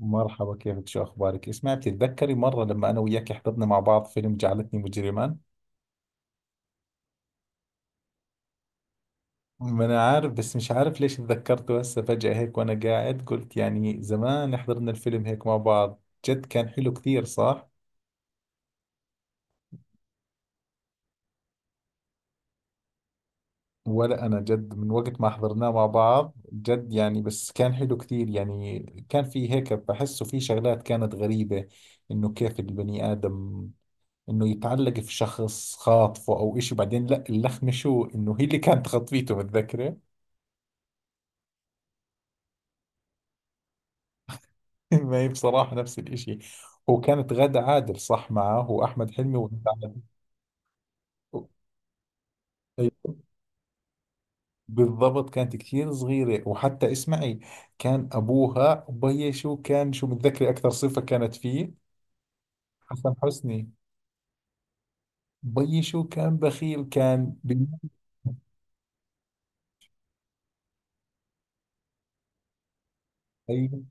مرحبا، كيفك؟ شو أخبارك؟ اسمعي، بتتذكري مرة لما أنا وياك حضرنا مع بعض فيلم جعلتني مجرما؟ ما أنا عارف، بس مش عارف ليش تذكرته هسه فجأة هيك. وأنا قاعد قلت يعني زمان حضرنا الفيلم هيك مع بعض. جد كان حلو كثير، صح؟ ولا أنا جد من وقت ما حضرناه مع بعض، جد يعني، بس كان حلو كثير يعني. كان في هيك، بحسه في شغلات كانت غريبة. إنه كيف البني آدم انه يتعلق في شخص خاطفه او اشي، بعدين لا، اللخمة شو، انه هي اللي كانت خطفيته، متذكرة؟ ما هي بصراحة نفس الإشي. وكانت غادة عادل صح معه، وأحمد حلمي وغادة عادل. أيوة. بالضبط كانت كثير صغيرة. وحتى اسمعي، كان أبوها بي شو كان؟ شو متذكري أكثر صفة كانت فيه؟ حسن حسني. بي شو كان؟ بخيل، كان ايوه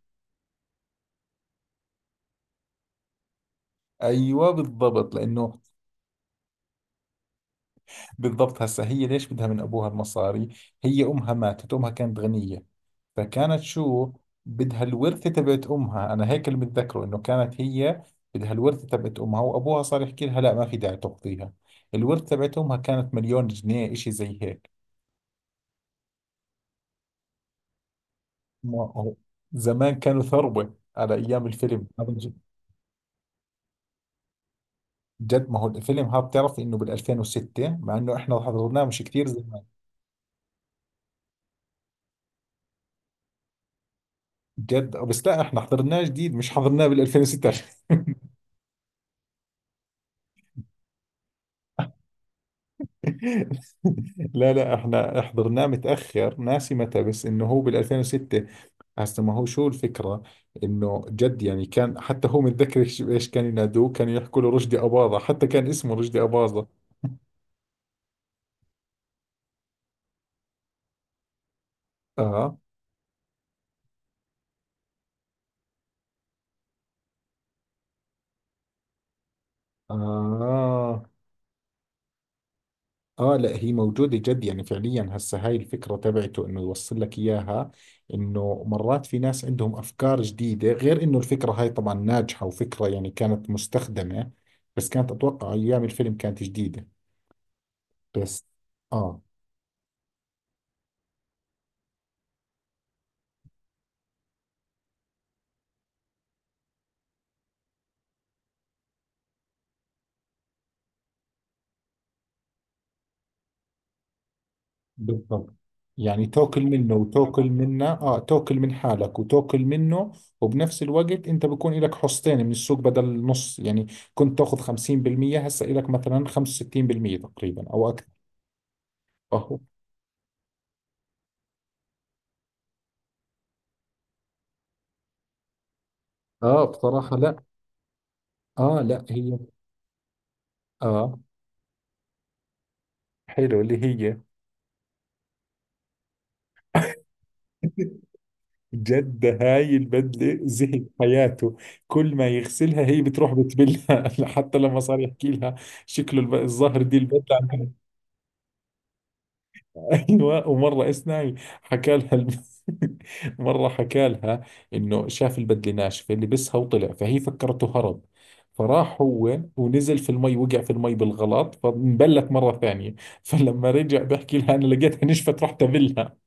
ايوه، بالضبط لانه بالضبط. هسه هي ليش بدها من ابوها المصاري؟ هي امها ماتت، امها كانت غنيه، فكانت شو بدها؟ الورثة تبعت أمها. أنا هيك اللي متذكره، إنه كانت هي بدها الورثة تبعت أمها، وأبوها صار يحكي لها لا ما في داعي تقضيها. الورثة تبعت أمها كانت مليون جنيه، إشي زي هيك. ما هو زمان كانوا ثروة، على أيام الفيلم هذا جد. ما هو الفيلم هذا بتعرف إنه بال 2006، مع إنه إحنا حضرناه مش كثير زمان. جد، بس لا، إحنا حضرناه جديد، مش حضرناه بال 2006. لا لا، احنا حضرناه متأخر، ناسي متى، بس انه هو بال 2006. هسه ما هو شو الفكرة؟ انه جد يعني، كان حتى هو متذكر إيش كان ينادوه، كانوا يحكوا له رشدي أباظة، حتى كان اسمه رشدي أباظة. اه اه اه، لا هي موجودة، جد يعني فعليا. هسه هاي الفكرة تبعته انه يوصل لك اياها، انه مرات في ناس عندهم افكار جديدة، غير انه الفكرة هاي طبعا ناجحة، وفكرة يعني كانت مستخدمة، بس كانت اتوقع ايام الفيلم كانت جديدة. بس اه، بالضبط. يعني تاكل منه وتاكل منه، اه، تاكل من حالك وتاكل منه. وبنفس الوقت انت بكون لك حصتين من السوق بدل نص يعني. كنت تاخذ 50%، هسه لك مثلا 65% تقريبا او اكثر. اهو. اه بصراحة لا. اه لا هي. اه، حلو، اللي هي. جد هاي البدلة زهق حياته، كل ما يغسلها هي بتروح بتبلها. حتى لما صار يحكي لها شكله الظهر دي البدلة. ايوه. ومره اسمعي، حكى لها مره حكى لها انه شاف البدله ناشفه، لبسها وطلع، فهي فكرته هرب، فراح هو ونزل في المي، وقع في المي بالغلط فانبلت مره ثانيه. فلما رجع بحكي لها انا لقيتها نشفت، رحت ابلها.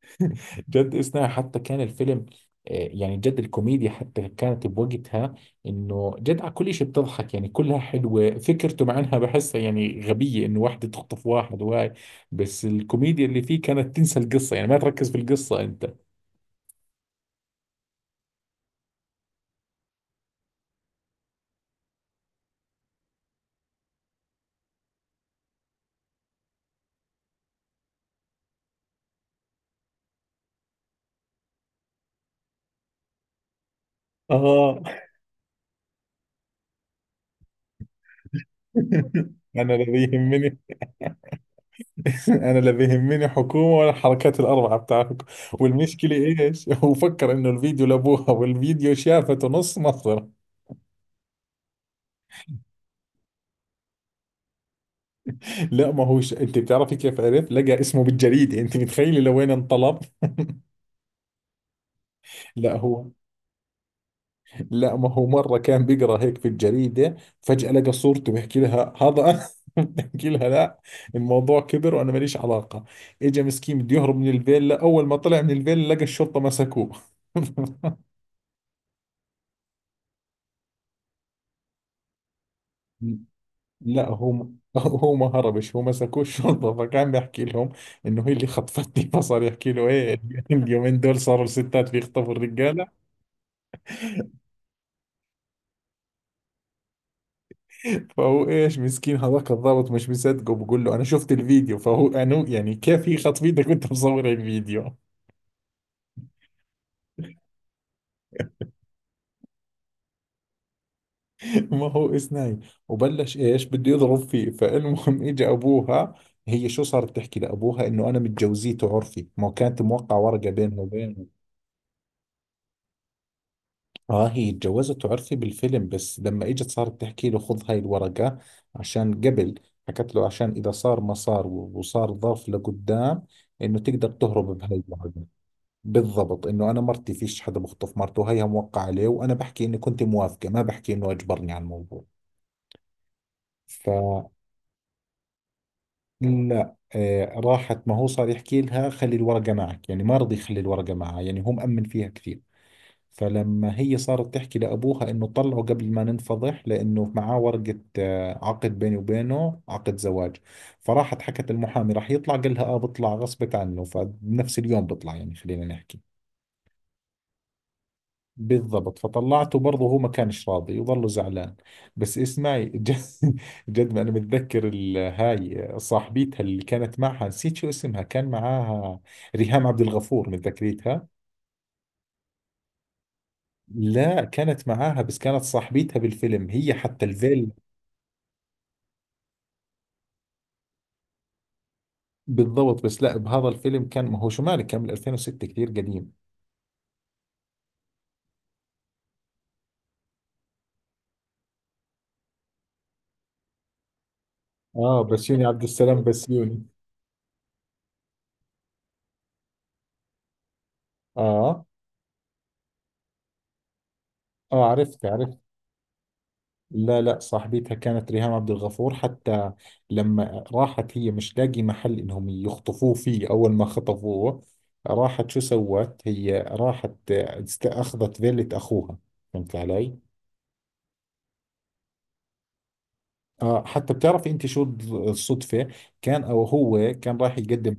جد، إثناء حتى كان الفيلم آه، يعني جد الكوميديا حتى كانت بوقتها. انه جد على كل شيء بتضحك يعني، كلها حلوه فكرته، مع انها بحسها يعني غبيه، انه واحده تخطف واحد وهاي، بس الكوميديا اللي فيه كانت تنسى القصه، يعني ما تركز في القصه انت. اه. انا لا بيهمني. انا لا بيهمني حكومه ولا الحركات الاربعه بتاعتكم. والمشكله ايش، هو فكر انه الفيديو لابوها، والفيديو شافته نص مصر. لا، ما هوش. انت بتعرفي كيف عرف؟ لقى اسمه بالجريده، انت متخيله لوين انطلب؟ لا هو، لا ما هو مره كان بيقرا هيك في الجريده، فجاه لقى صورته، بيحكي لها هذا أنا. بحكي لها لا، الموضوع كبر وانا ماليش علاقه. اجى مسكين بده يهرب من الفيلا، اول ما طلع من الفيلا لقى الشرطه مسكوه. لا هو، هو ما هربش، هو مسكوه الشرطه، فكان بيحكي لهم انه هي اللي خطفتني. فصار يحكي له ايه، اليومين دول صاروا الستات بيخطفوا الرجال. فهو ايش مسكين، هذاك الضابط مش مصدقه، بقول له انا شفت الفيديو، فهو انو يعني كيف يخطف ايدك وانت مصور الفيديو؟ ما هو اسناي، وبلش ايش بده يضرب فيه، فالمهم. اجى ابوها، هي شو صارت تحكي لابوها؟ انه انا متجوزيته عرفي، ما هو كانت موقع ورقه بينه وبينه. اه، هي اتجوزته عرفي بالفيلم، بس لما اجت صارت تحكي له خذ هاي الورقه عشان قبل، حكت له عشان اذا صار ما صار، وصار ظرف لقدام، انه تقدر تهرب بهاي الورقه. بالضبط، انه انا مرتي، فيش حدا بخطف مرته، هيها موقع عليه، وانا بحكي اني كنت موافقة، ما بحكي انه اجبرني على الموضوع. فلا، آه راحت، ما هو صار يحكي لها خلي الورقة معك، يعني ما رضي يخلي الورقة معها، يعني هو مأمن فيها كثير. فلما هي صارت تحكي لأبوها إنه طلعه قبل ما ننفضح، لأنه معاه ورقة آه، عقد بيني وبينه، عقد زواج. فراحت حكت المحامي، راح يطلع، قال لها آه بطلع غصبت عنه، فبنفس اليوم بطلع يعني، خلينا نحكي. بالضبط، فطلعته. برضه هو ما كانش راضي، وظله زعلان. بس اسمعي، جد, جد ما انا متذكر هاي صاحبيتها اللي كانت معها، نسيت شو اسمها، كان معاها ريهام عبد الغفور، متذكريتها؟ لا كانت معاها، بس كانت صاحبيتها بالفيلم هي، حتى الفيل. بالضبط، بس لا بهذا الفيلم كان، ما هو شو مالك كان بال 2006، كثير قديم. اه، بسيوني، عبد السلام بسيوني. اه اه، عرفت عرفت. لا لا، صاحبتها كانت ريهام عبد الغفور، حتى لما راحت هي مش لاقي محل انهم يخطفوه فيه اول ما خطفوه، راحت شو سوت؟ هي راحت اخذت فيلة اخوها، فهمت علي؟ اه، حتى بتعرفي انت شو الصدفة؟ كان او هو كان راح يقدم،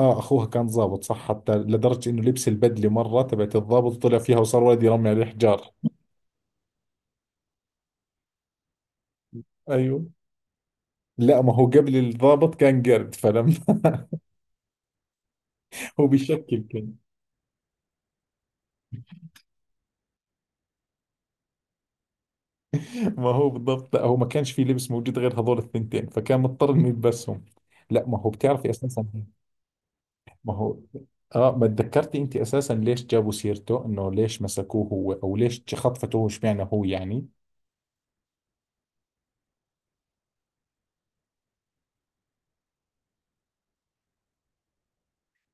اه اخوها كان ضابط، صح، حتى لدرجة انه لبس البدلة مرة تبعت الضابط طلع فيها، وصار ولد يرمي عليه حجار. ايوه. لا ما هو قبل الضابط كان قرد، فلما. هو بشكل كان. ما هو بالضبط، لا هو ما كانش في لبس موجود غير هذول الثنتين، فكان مضطر انه يلبسهم. لا ما هو بتعرفي اساسا، ما هو اه، ما تذكرتي انت اساسا ليش جابوا سيرته انه ليش مسكوه هو، او ليش خطفته هو، اشمعنى هو يعني؟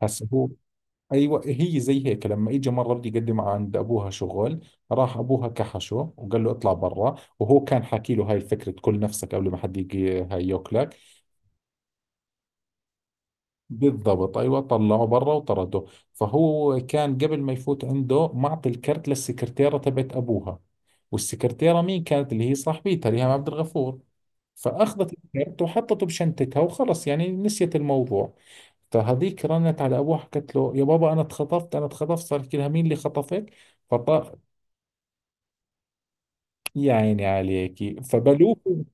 هسه هو، ايوه هي زي هيك، لما اجى مره بده يقدم عند ابوها شغل، راح ابوها كحشه وقال له اطلع برا، وهو كان حاكي له هاي الفكره كل نفسك قبل ما حد يجي هاي ياكلك. بالضبط، ايوه طلعه برا وطرده. فهو كان قبل ما يفوت عنده معطي الكرت للسكرتيره تبعت ابوها، والسكرتيره مين كانت؟ اللي هي صاحبتها ريهام عبد الغفور، فاخذت الكرت وحطته بشنتتها وخلص، يعني نسيت الموضوع. فهذيك رنت على ابوها، حكت له يا بابا انا اتخطفت انا اتخطفت، صار يحكي لها مين اللي خطفك؟ فط يا عيني عليكي فبلوه.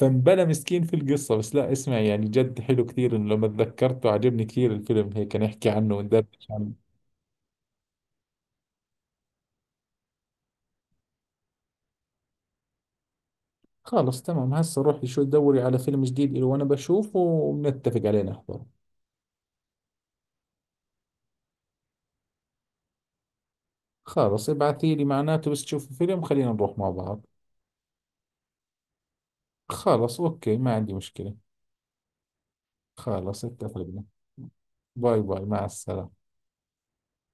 فانبلى مسكين في القصة. بس لا اسمع يعني، جد حلو كثير إنه لما تذكرته عجبني كثير الفيلم هيك نحكي عنه وندردش عنه. خلاص تمام، هسه روحي شو دوري على فيلم جديد إله، وأنا بشوفه وبنتفق عليه نحضره. خلاص ابعثي لي معناته بس تشوفي فيلم، خلينا نروح مع بعض. خلاص أوكي، ما عندي مشكلة. خلاص اتفقنا. باي باي، مع السلامة.